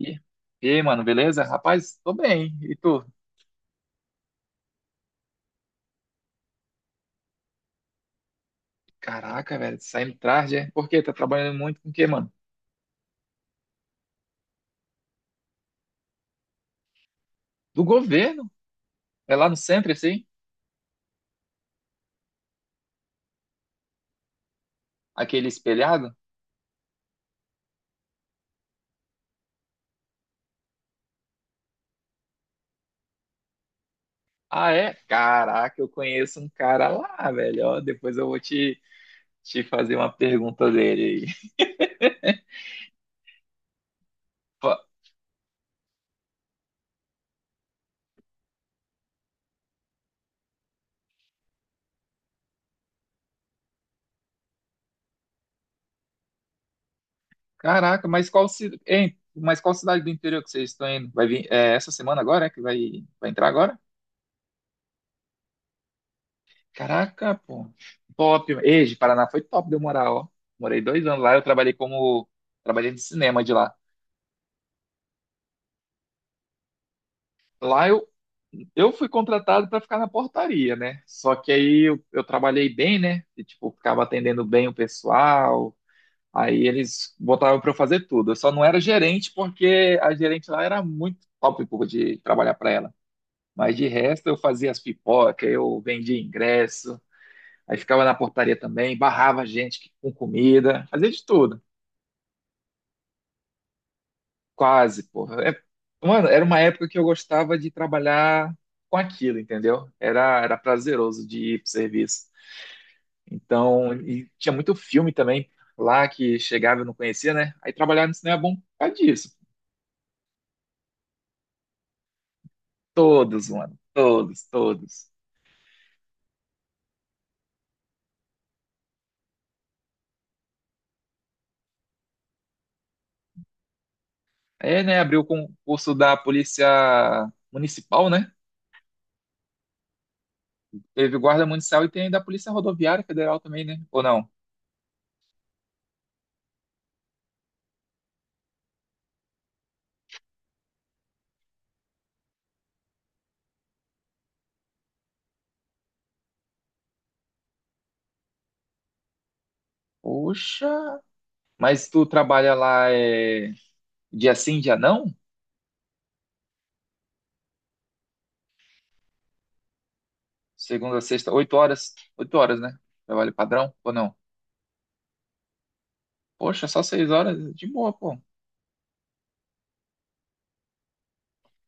E e aí, mano, beleza? Rapaz, tô bem. E tu? Caraca, velho, saindo tarde, é? Por quê? Tá trabalhando muito com o quê, mano? Do governo? É lá no centro, assim? Aquele espelhado? Ah, é? Caraca, eu conheço um cara lá, velho. Ó, depois eu vou te fazer uma pergunta dele aí. Fa- Caraca, mas qual cidade do interior que vocês estão indo? Vai vir é, essa semana agora, é? Que vai entrar agora? Caraca, pô. Top. Ei, de Paraná foi top de eu morar, ó. Morei 2 anos lá, eu trabalhei como. Trabalhei de cinema de lá. Lá eu fui contratado para ficar na portaria, né? Só que aí eu trabalhei bem, né? E, tipo, ficava atendendo bem o pessoal. Aí eles botavam para eu fazer tudo. Eu só não era gerente porque a gerente lá era muito top, pô, de trabalhar para ela. Mas de resto eu fazia as pipocas, eu vendia ingresso, aí ficava na portaria também, barrava a gente que- com comida, fazia de tudo. Quase, porra. Mano, era uma época que eu gostava de trabalhar com aquilo, entendeu? Era prazeroso de ir pro serviço. Então, e tinha muito filme também lá que chegava e eu não conhecia, né? Aí trabalhar no cinema é bom por causa disso. Todos, mano. Todos, todos. Aí, né, abriu o concurso da Polícia Municipal, né? Teve Guarda Municipal e tem da Polícia Rodoviária Federal também, né? Ou não? Poxa, mas tu trabalha lá é, dia sim, dia não? Segunda, sexta, 8 horas. 8 horas, né? Trabalho padrão ou não? Poxa, só 6 horas de boa, pô.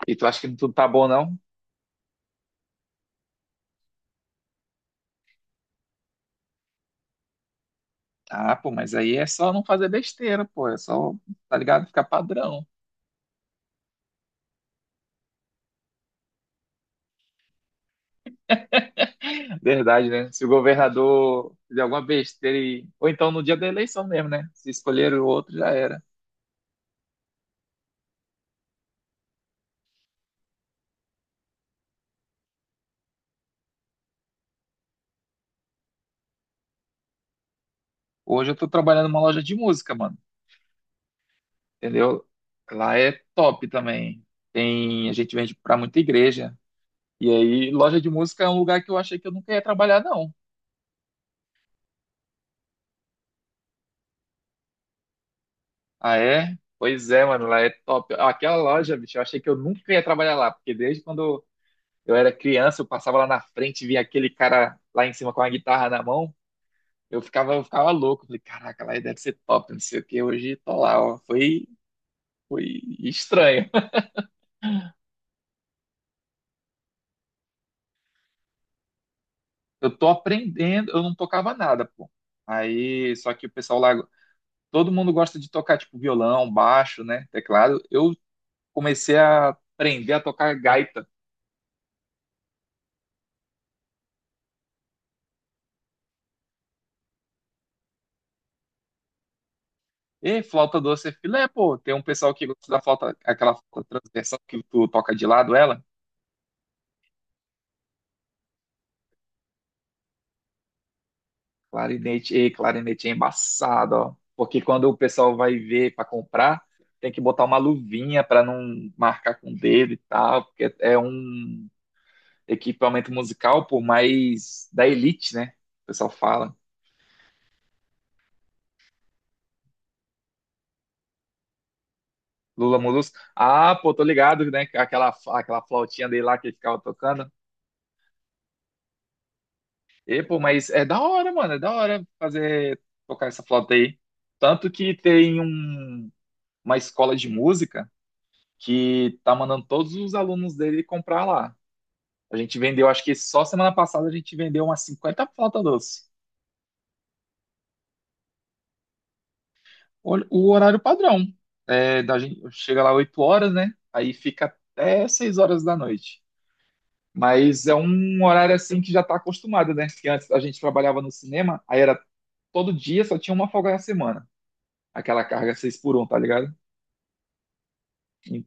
E tu acha que tudo tá bom, não? Ah, pô, mas aí é só não fazer besteira, pô. É só, tá ligado? Ficar padrão. Verdade, né? Se o governador fizer alguma besteira e... Ou então no dia da eleição mesmo, né? Se escolher o outro, já era. Hoje eu tô trabalhando numa loja de música, mano. Entendeu? Lá é top também. A gente vende pra muita igreja. E aí, loja de música é um lugar que eu achei que eu nunca ia trabalhar, não. Ah, é? Pois é, mano, lá é top. Ah, aquela loja, bicho, eu achei que eu nunca ia trabalhar lá, porque desde quando eu era criança, eu passava lá na frente, via aquele cara lá em cima com a guitarra na mão, eu ficava louco. Falei, caraca, lá deve ser top, não sei o que. Hoje tô lá, ó. Foi estranho. Eu tô aprendendo, eu não tocava nada, pô. Aí, só que o pessoal lá, todo mundo gosta de tocar, tipo, violão, baixo, né, teclado. Eu comecei a aprender a tocar gaita. E flauta doce é filé, pô. Tem um pessoal que gosta da flauta, aquela flauta transversal que tu toca de lado, ela. Clarinete, e clarinete é embaçado, ó. Porque quando o pessoal vai ver para comprar, tem que botar uma luvinha para não marcar com o dedo e tal, porque é um equipamento musical, por mais da elite, né? O pessoal fala. Lula Molusco. Ah, pô, tô ligado, né? Aquela flautinha dele lá que ele ficava tocando. E, pô, mas é da hora, mano, é da hora fazer tocar essa flauta aí. Tanto que tem uma escola de música que tá mandando todos os alunos dele comprar lá. A gente vendeu, acho que só semana passada a gente vendeu umas 50 flautas doce. O horário padrão. É, da gente, chega lá 8 horas, né? Aí fica até 6 horas da noite. Mas é um horário assim que já tá acostumado, né? Porque antes a gente trabalhava no cinema, aí era todo dia, só tinha uma folga na semana. Aquela carga 6 por um tá ligado? E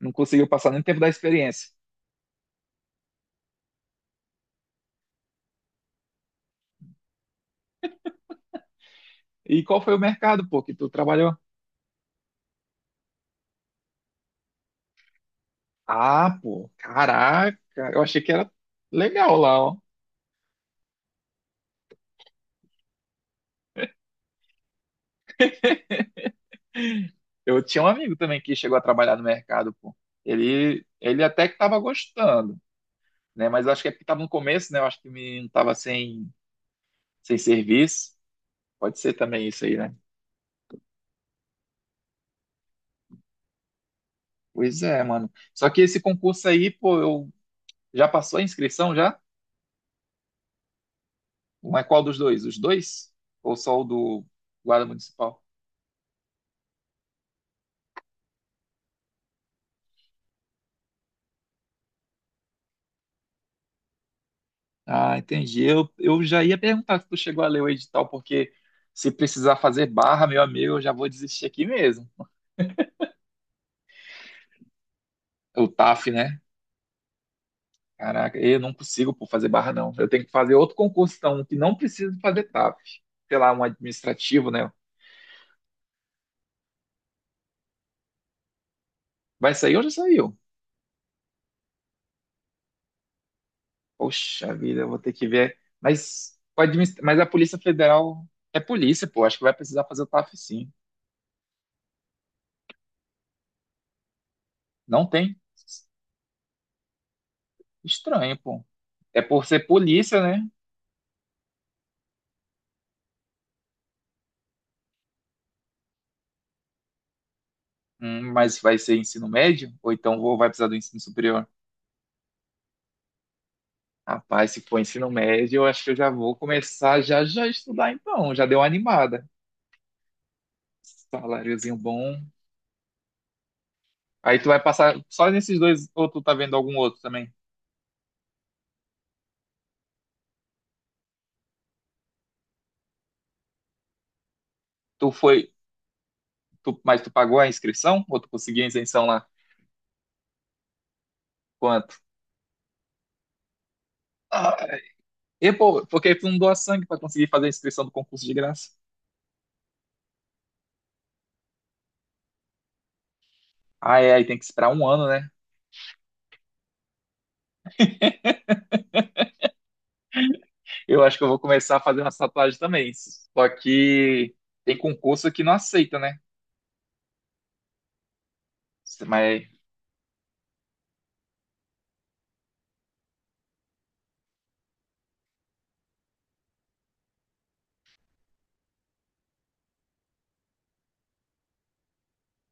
não conseguiu passar nem tempo da experiência. E qual foi o mercado, pô, que tu trabalhou? Ah, pô, caraca, eu achei que era legal lá, ó. Eu tinha um amigo também que chegou a trabalhar no mercado, pô. Ele até que tava gostando, né? Mas eu acho que é porque tava no começo, né? Eu acho que o menino tava sem serviço. Pode ser também isso aí, né? Pois é, mano. Só que esse concurso aí, pô, eu já passou a inscrição já? Mas qual dos dois? Os dois? Ou só o do guarda municipal? Ah, entendi. Eu já ia perguntar se tu chegou a ler o edital, porque se precisar fazer barra, meu amigo, eu já vou desistir aqui mesmo. O TAF, né? Caraca, eu não consigo pô, fazer barra, não. Eu tenho que fazer outro concurso, então, que não precisa fazer TAF. Sei lá, um administrativo, né? Vai sair ou já saiu? Poxa vida, eu vou ter que ver. Mas, mas a Polícia Federal é polícia, pô. Acho que vai precisar fazer o TAF, sim. Não tem? Estranho, pô. É por ser polícia, né? Mas vai ser ensino médio? Ou então vai precisar do ensino superior? Rapaz, se for ensino médio, eu acho que eu já vou começar já já a estudar então. Já deu uma animada. Saláriozinho bom. Aí tu vai passar só nesses dois, ou tu tá vendo algum outro também? Tu foi, mas tu pagou a inscrição? Ou tu conseguiu a isenção lá? Quanto? Ah, e pô, porque tu não doa sangue pra conseguir fazer a inscrição do concurso de graça? Ah, é, aí tem que esperar 1 ano, né? Eu acho que eu vou começar a fazer umas tatuagens também. Só que tem concurso que não aceita, né? Mas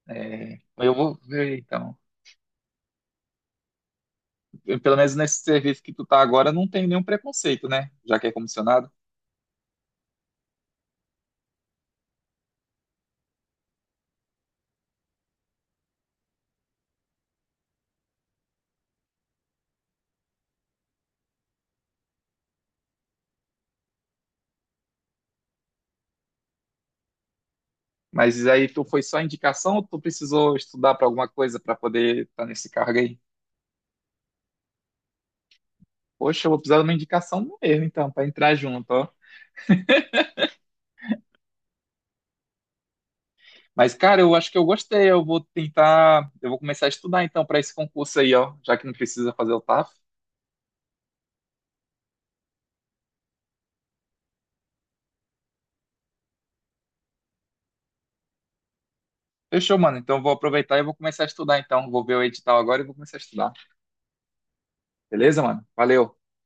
é, eu vou ver então. Eu, pelo menos nesse serviço que tu tá agora, não tem nenhum preconceito, né? Já que é comissionado. Mas aí tu foi só indicação ou tu precisou estudar para alguma coisa para poder estar nesse cargo aí? Poxa, eu vou precisar de uma indicação mesmo, então, para entrar junto, ó. Mas, cara, eu acho que eu gostei. Eu vou tentar. Eu vou começar a estudar então para esse concurso aí, ó. Já que não precisa fazer o TAF. Fechou, mano. Então eu vou aproveitar e vou começar a estudar então. Vou ver o edital agora e vou começar a estudar. Beleza, mano? Valeu.